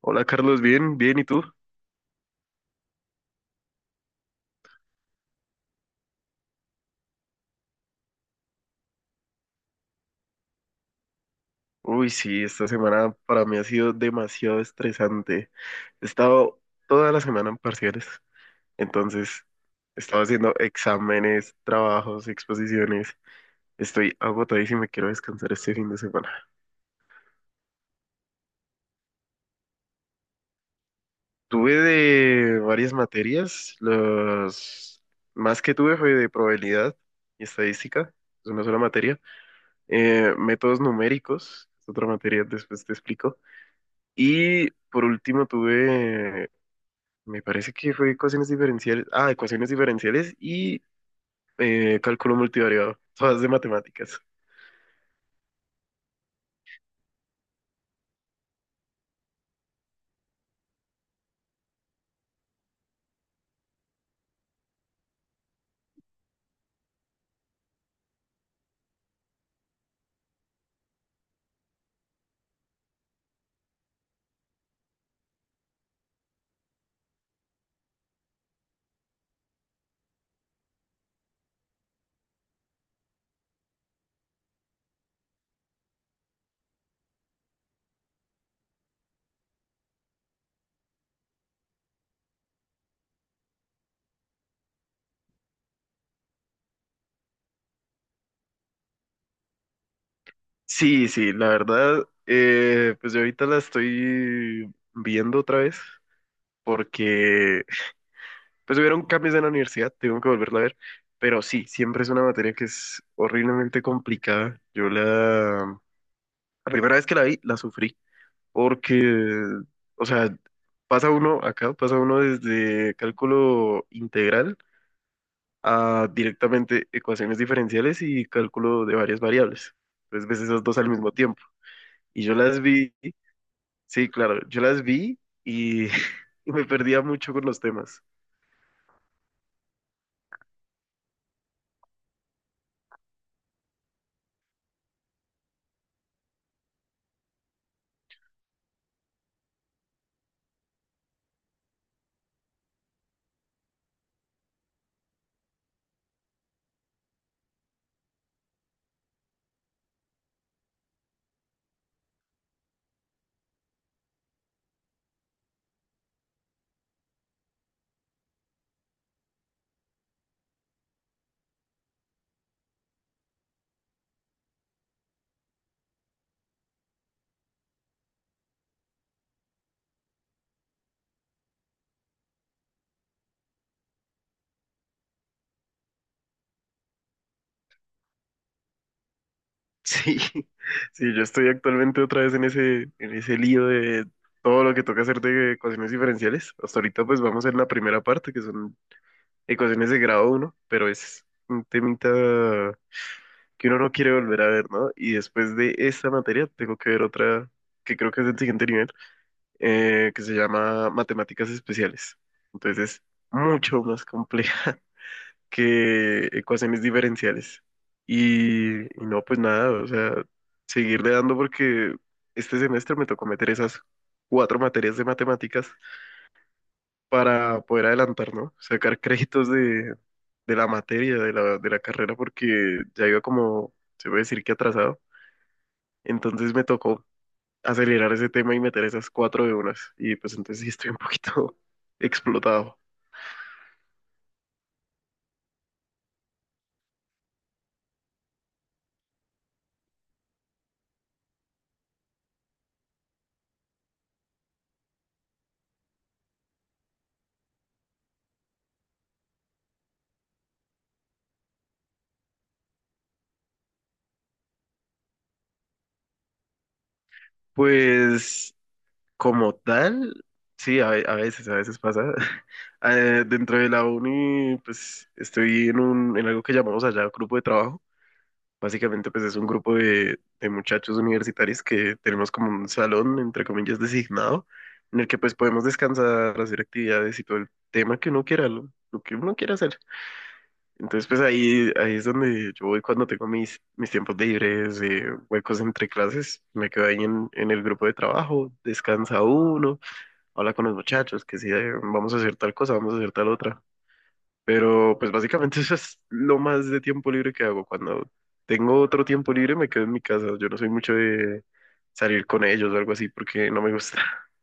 Hola Carlos, bien, bien, ¿y tú? Uy, sí, esta semana para mí ha sido demasiado estresante. He estado toda la semana en parciales, entonces he estado haciendo exámenes, trabajos, exposiciones. Estoy agotadísimo y quiero descansar este fin de semana. Tuve de varias materias, los más que tuve fue de probabilidad y estadística, es una sola materia. Métodos numéricos, es otra materia, después te explico. Y por último me parece que fue ecuaciones diferenciales, ah, ecuaciones diferenciales y cálculo multivariado, todas de matemáticas. Sí, sí, la verdad, pues yo ahorita la estoy viendo otra vez porque pues hubieron cambios en la universidad, tengo que volverla a ver, pero sí, siempre es una materia que es horriblemente complicada. La primera vez que la vi, la sufrí, porque, o sea, pasa uno acá, pasa uno desde cálculo integral a directamente ecuaciones diferenciales y cálculo de varias variables. Entonces ves esas dos al mismo tiempo. Y yo las vi, sí, claro, yo las vi y, y me perdía mucho con los temas. Sí, sí, yo estoy actualmente otra vez en ese lío de todo lo que toca hacer de ecuaciones diferenciales. Hasta ahorita pues vamos en la primera parte, que son ecuaciones de grado uno, pero es un temita que uno no quiere volver a ver, ¿no? Y después de esta materia tengo que ver otra que creo que es del siguiente nivel, que se llama matemáticas especiales. Entonces es mucho más compleja que ecuaciones diferenciales. Y no, pues nada, o sea, seguirle dando porque este semestre me tocó meter esas cuatro materias de matemáticas para poder adelantar, ¿no? Sacar créditos de la materia, de la carrera, porque ya iba como, se puede decir que atrasado. Entonces me tocó acelerar ese tema y meter esas cuatro de unas. Y pues entonces sí estoy un poquito explotado. Pues como tal, sí, a veces pasa. Dentro de la uni, pues estoy en algo que llamamos allá grupo de trabajo. Básicamente, pues es un grupo de muchachos universitarios que tenemos como un salón, entre comillas, designado, en el que pues podemos descansar, hacer actividades y todo el tema que uno quiera, lo que uno quiera hacer. Entonces, ahí es donde yo voy cuando tengo mis tiempos libres, huecos entre clases, me quedo ahí en el grupo de trabajo, descansa uno, habla con los muchachos, que si vamos a hacer tal cosa, vamos a hacer tal otra. Pero pues básicamente eso es lo más de tiempo libre que hago. Cuando tengo otro tiempo libre me quedo en mi casa. Yo no soy mucho de salir con ellos o algo así porque no me gusta.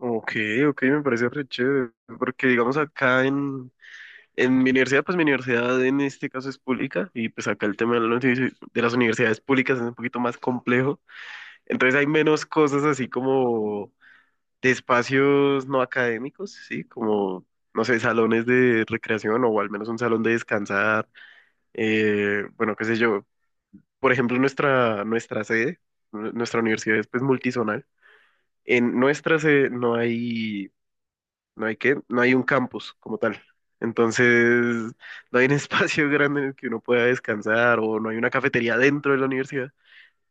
Ok, ok, me parece re chévere. Porque digamos en mi universidad, pues mi universidad en este caso es pública y pues acá el tema de de las universidades públicas es un poquito más complejo. Entonces hay menos cosas así como de espacios no académicos, ¿sí? Como, no sé, salones de recreación o al menos un salón de descansar. Bueno, qué sé yo. Por ejemplo, nuestra sede, nuestra universidad es pues multizonal. En nuestra sede no hay, no hay qué, no hay un campus como tal. Entonces, no hay un espacio grande en el que uno pueda descansar o no hay una cafetería dentro de la universidad.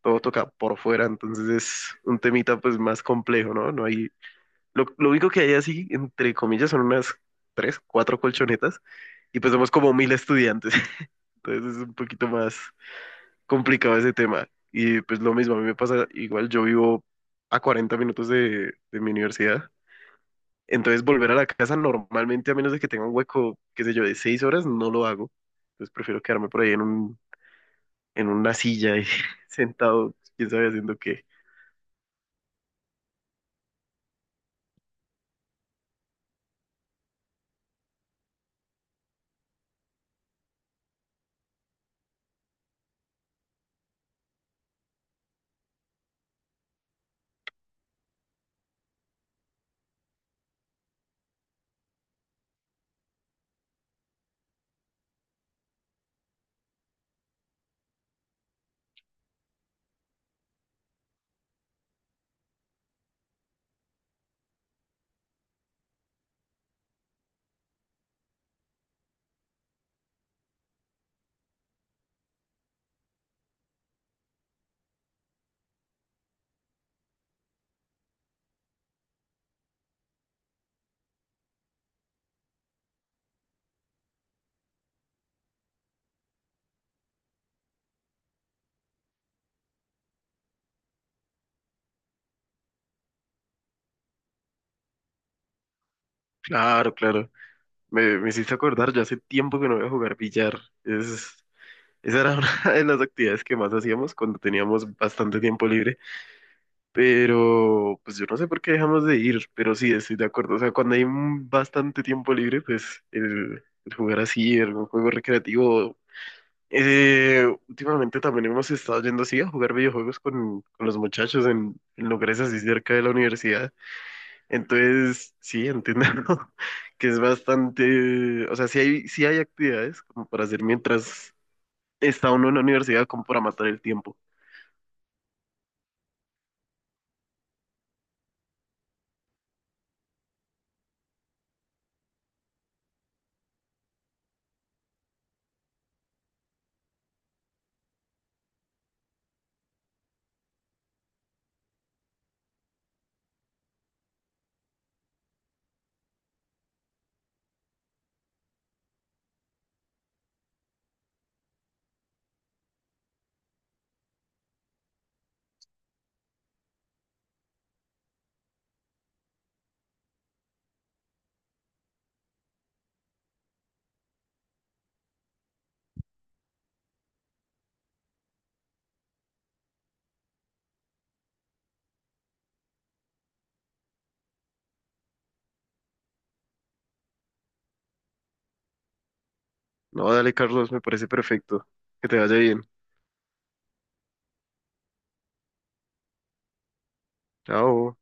Todo toca por fuera, entonces es un temita pues más complejo, ¿no? No hay, lo único que hay así, entre comillas, son unas tres, cuatro colchonetas y pues somos como 1000 estudiantes. Entonces es un poquito más complicado ese tema. Y pues lo mismo, a mí me pasa igual, yo vivo a 40 minutos de mi universidad, entonces volver a la casa normalmente, a menos de que tenga un hueco, qué sé yo, de 6 horas, no lo hago. Entonces prefiero quedarme por ahí en en una silla y sentado, quién sabe haciendo qué. Claro, claro. Me hiciste acordar, yo hace tiempo que no voy a jugar billar. Esa era una de las actividades que más hacíamos cuando teníamos bastante tiempo libre. Pero, pues yo no sé por qué dejamos de ir, pero sí, estoy de acuerdo. O sea, cuando hay un bastante tiempo libre, pues el jugar así, el juego recreativo. Últimamente también hemos estado yendo así a jugar videojuegos con los muchachos en lugares así cerca de la universidad. Entonces, sí, entiendo que es bastante, o sea, sí hay actividades como para hacer mientras está uno en la universidad, como para matar el tiempo. No, dale, Carlos, me parece perfecto. Que te vaya bien. Chao.